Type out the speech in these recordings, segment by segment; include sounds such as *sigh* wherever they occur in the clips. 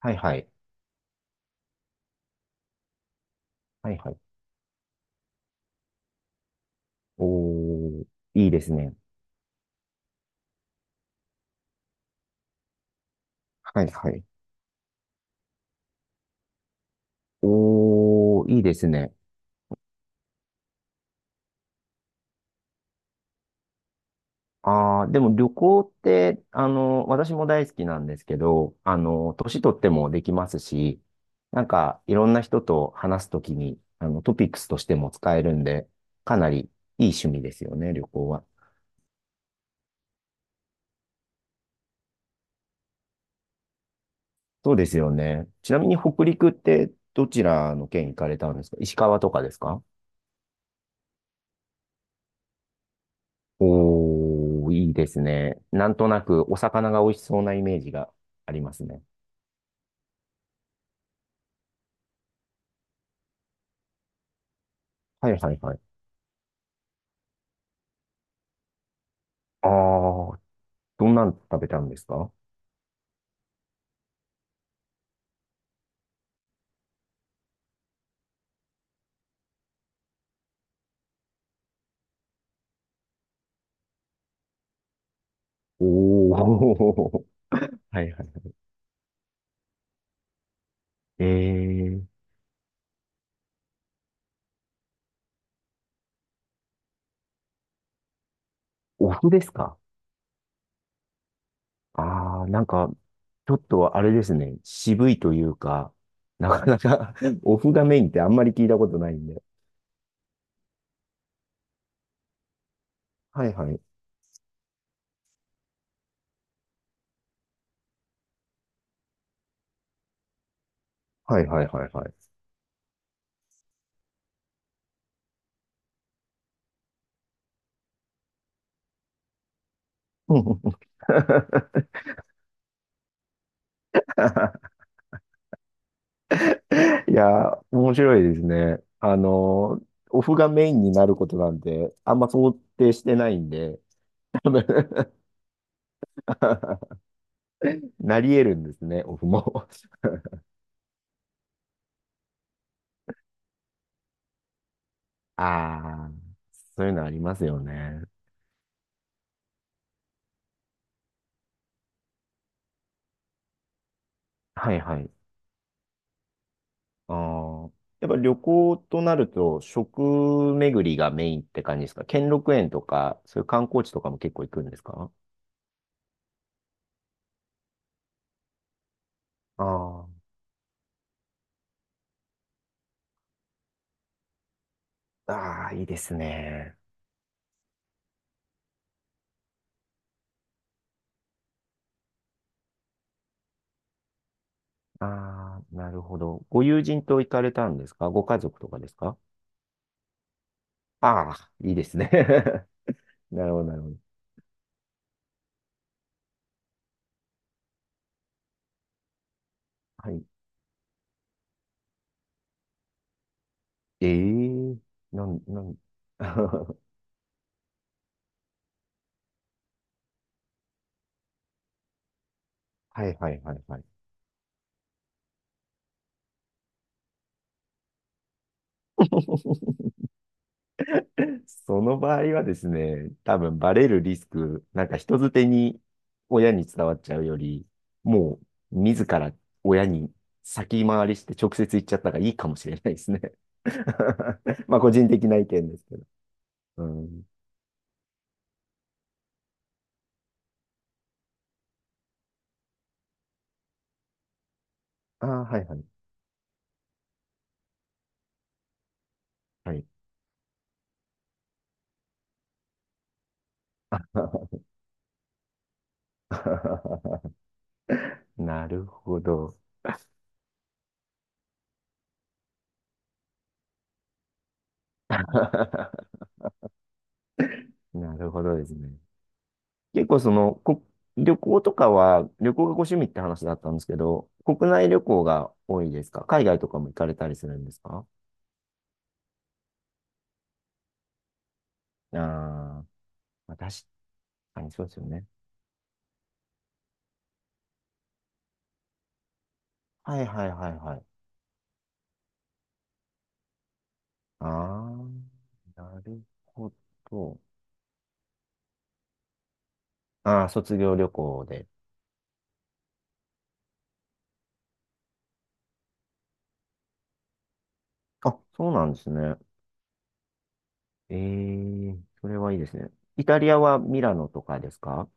はいはい。はいはい。おー、いいですね。はいはい。おー、いいですね。あー、でも旅行って、私も大好きなんですけど、年取ってもできますし、なんか、いろんな人と話すときに、トピックスとしても使えるんで、かなりいい趣味ですよね、旅行は。そうですよね。ちなみに北陸ってどちらの県行かれたんですか？石川とかですか？おー、いいですね。なんとなくお魚が美味しそうなイメージがありますね。はいはいはい。あー、どんなの食べたんですか？おー、*laughs* はいはい。えー、お麩ですか？あー、なんか、ちょっとあれですね。渋いというか、なかなか *laughs* お麩がメインってあんまり聞いたことないんで。はいはい。はいはいはいはい。*laughs* いや、面白いですね。オフがメインになることなんて、あんま想定してないんで、多分 *laughs* なり得るんですね、オフも。ああ、そういうのありますよね。はいはい。あー、やっぱ旅行となると、食巡りがメインって感じですか？兼六園とか、そういう観光地とかも結構行くんですか？ああ、ああ、いいですね。ああ、なるほど。ご友人と行かれたんですか？ご家族とかですか？ああ、いいですね。*laughs* なるほど、なるほど。はい。ええ、なん、なん、*laughs* はいはいはいはい。その場合はですね、多分バレるリスク、なんか人づてに親に伝わっちゃうより、もう自ら親に先回りして直接言っちゃった方がいいかもしれないですね。*laughs* まあ個人的な意見ですけど。うん。ああ、はいはい。はい。*laughs* なるほど。*laughs* なるほどですね。結構その、こ、旅行とかは、旅行がご趣味って話だったんですけど、国内旅行が多いですか？海外とかも行かれたりするんですか？ああー、まあ、確かにそうですよね。はいはいはいはい。ああ、なるほど。ああ、卒業旅行で。あ、そうなんですね。ええ、それはいいですね。イタリアはミラノとかですか？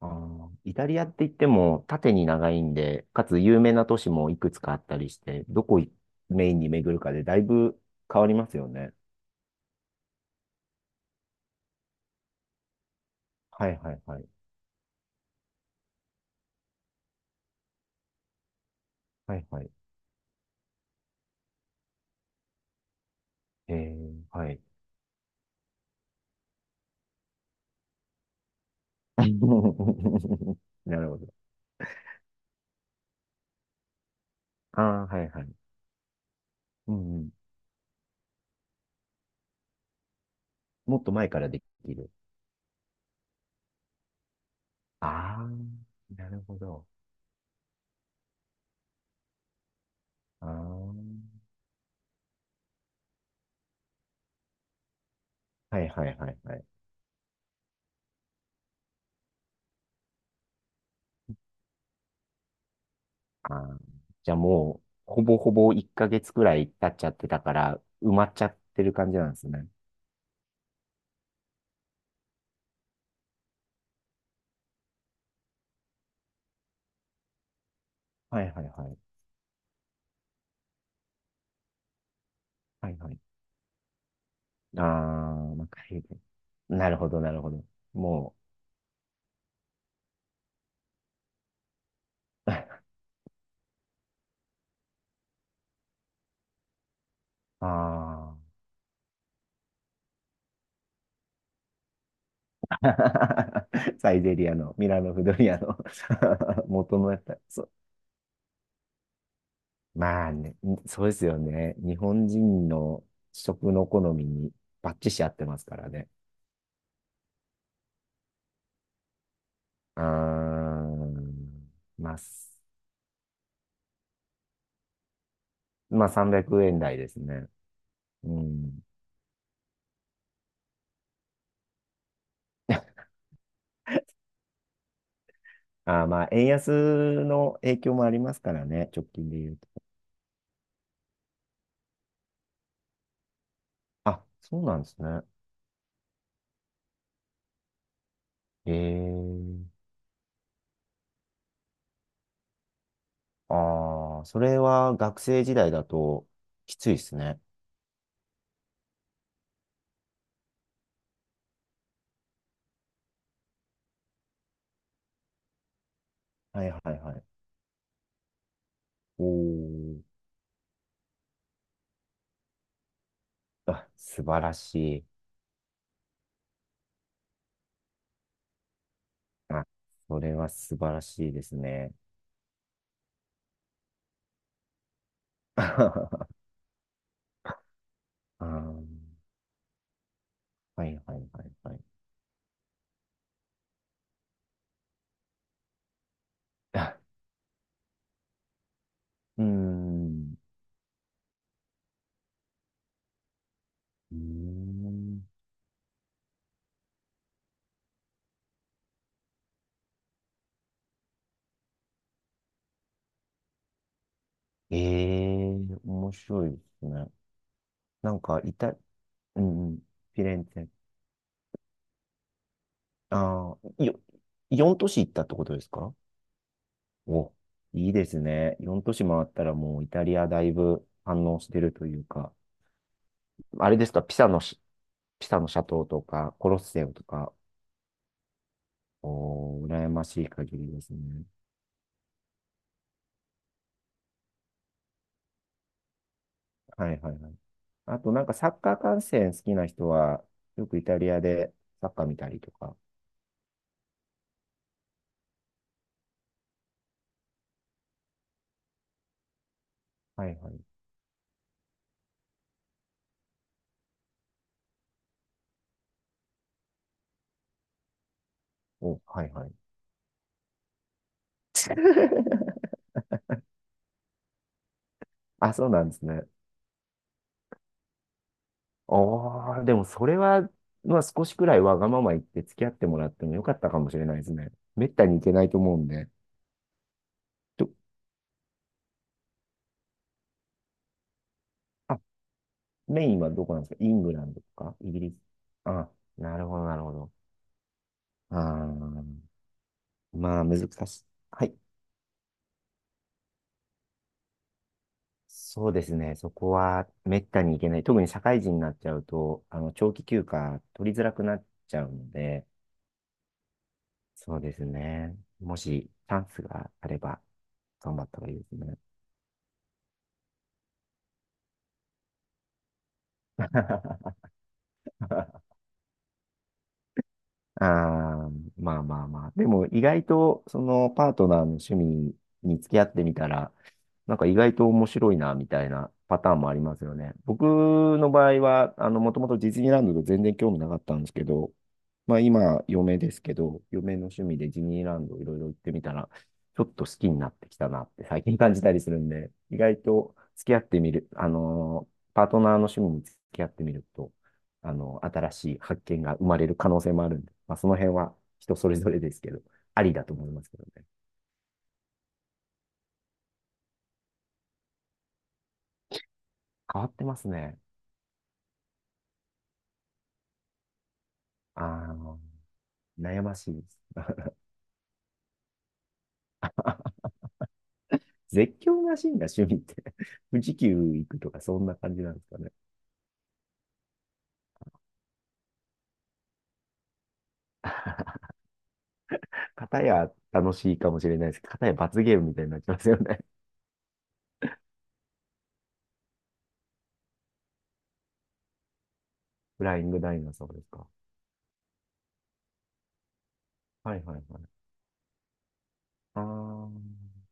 あー、イタリアって言っても縦に長いんで、かつ有名な都市もいくつかあったりして、どこいメインに巡るかでだいぶ変わりますよね。はいはいはい。はいはい。えー、はい。*laughs* なるほど。ああ、はいはい。うんうん。もっと前からできる。ああ、なるほど。ああ、はいはいはいはい。ああ、じゃあもう、ほぼほぼ1ヶ月くらい経っちゃってたから、埋まっちゃってる感じなんですね。はいはいはい。はいはい。ああ、まあ、海外。なるほど、なるほど。もう、*laughs* ああ。*laughs* サイゼリアの、ミラノフドリアの *laughs* 元のやった。そう。まあね、そうですよね。日本人の食の好みにバッチシ合ってますからね。うーん。まあ、すまあ、300円台ですね。うん。あー、まあ、円安の影響もありますからね、直近で言うと。あ、そうなんですね。ええ、ああ、それは学生時代だときついですね。はいはいはい。おー。あ、素晴らしい。あ、それは素晴らしいですね。*laughs* あー、はいはいはいはい。あ、うーん。うーん。ええ、面白いですね。なんか、いた、うんうん、フィレンツェ。ああ、よ、4都市行ったってことですか？お、いいですね。4都市回ったらもうイタリアだいぶ反応してるというか、あれですか、ピサの斜塔とか、コロッセオとか、おー、羨ましい限りですね。はいはいはい。あとなんかサッカー観戦好きな人は、よくイタリアでサッカー見たりとか。はいはい。お、はいはい。*laughs* あ、そうなんですね。おー、でもそれは、まあ少しくらいわがまま言って付き合ってもらってもよかったかもしれないですね。めったに行けないと思うんで。ちょあメインはどこなんですか？イングランドとかイギリス？あ、なるほど、なるほど。あー、まあ、難しい。はい。そうですね。そこはめったに行けない。特に社会人になっちゃうと、長期休暇取りづらくなっちゃうので、そうですね。もしチャンスがあれば、頑張った方がいいですね。*laughs* ああ、まあまあまあ。でも意外と、そのパートナーの趣味に付き合ってみたら、なんか意外と面白いな、みたいなパターンもありますよね。僕の場合は、もともとディズニーランドと全然興味なかったんですけど、まあ今、嫁ですけど、嫁の趣味でディズニーランドいろいろ行ってみたら、ちょっと好きになってきたなって最近感じたりするんで、意外と付き合ってみる、あのーパートナーの趣味に付き合ってみると、新しい発見が生まれる可能性もあるんで、まあ、その辺は人それぞれですけど、ありだと思いますけどね。変わってますね。あの、悩ましいです。絶叫マシンが趣味って *laughs* 富士急行くとかそんな感じなんですかね。片や楽しいかもしれないですけど、片や罰ゲームみたいになっちゃいますよね。*laughs* フライングダイナソーですか。はいはいはい。あー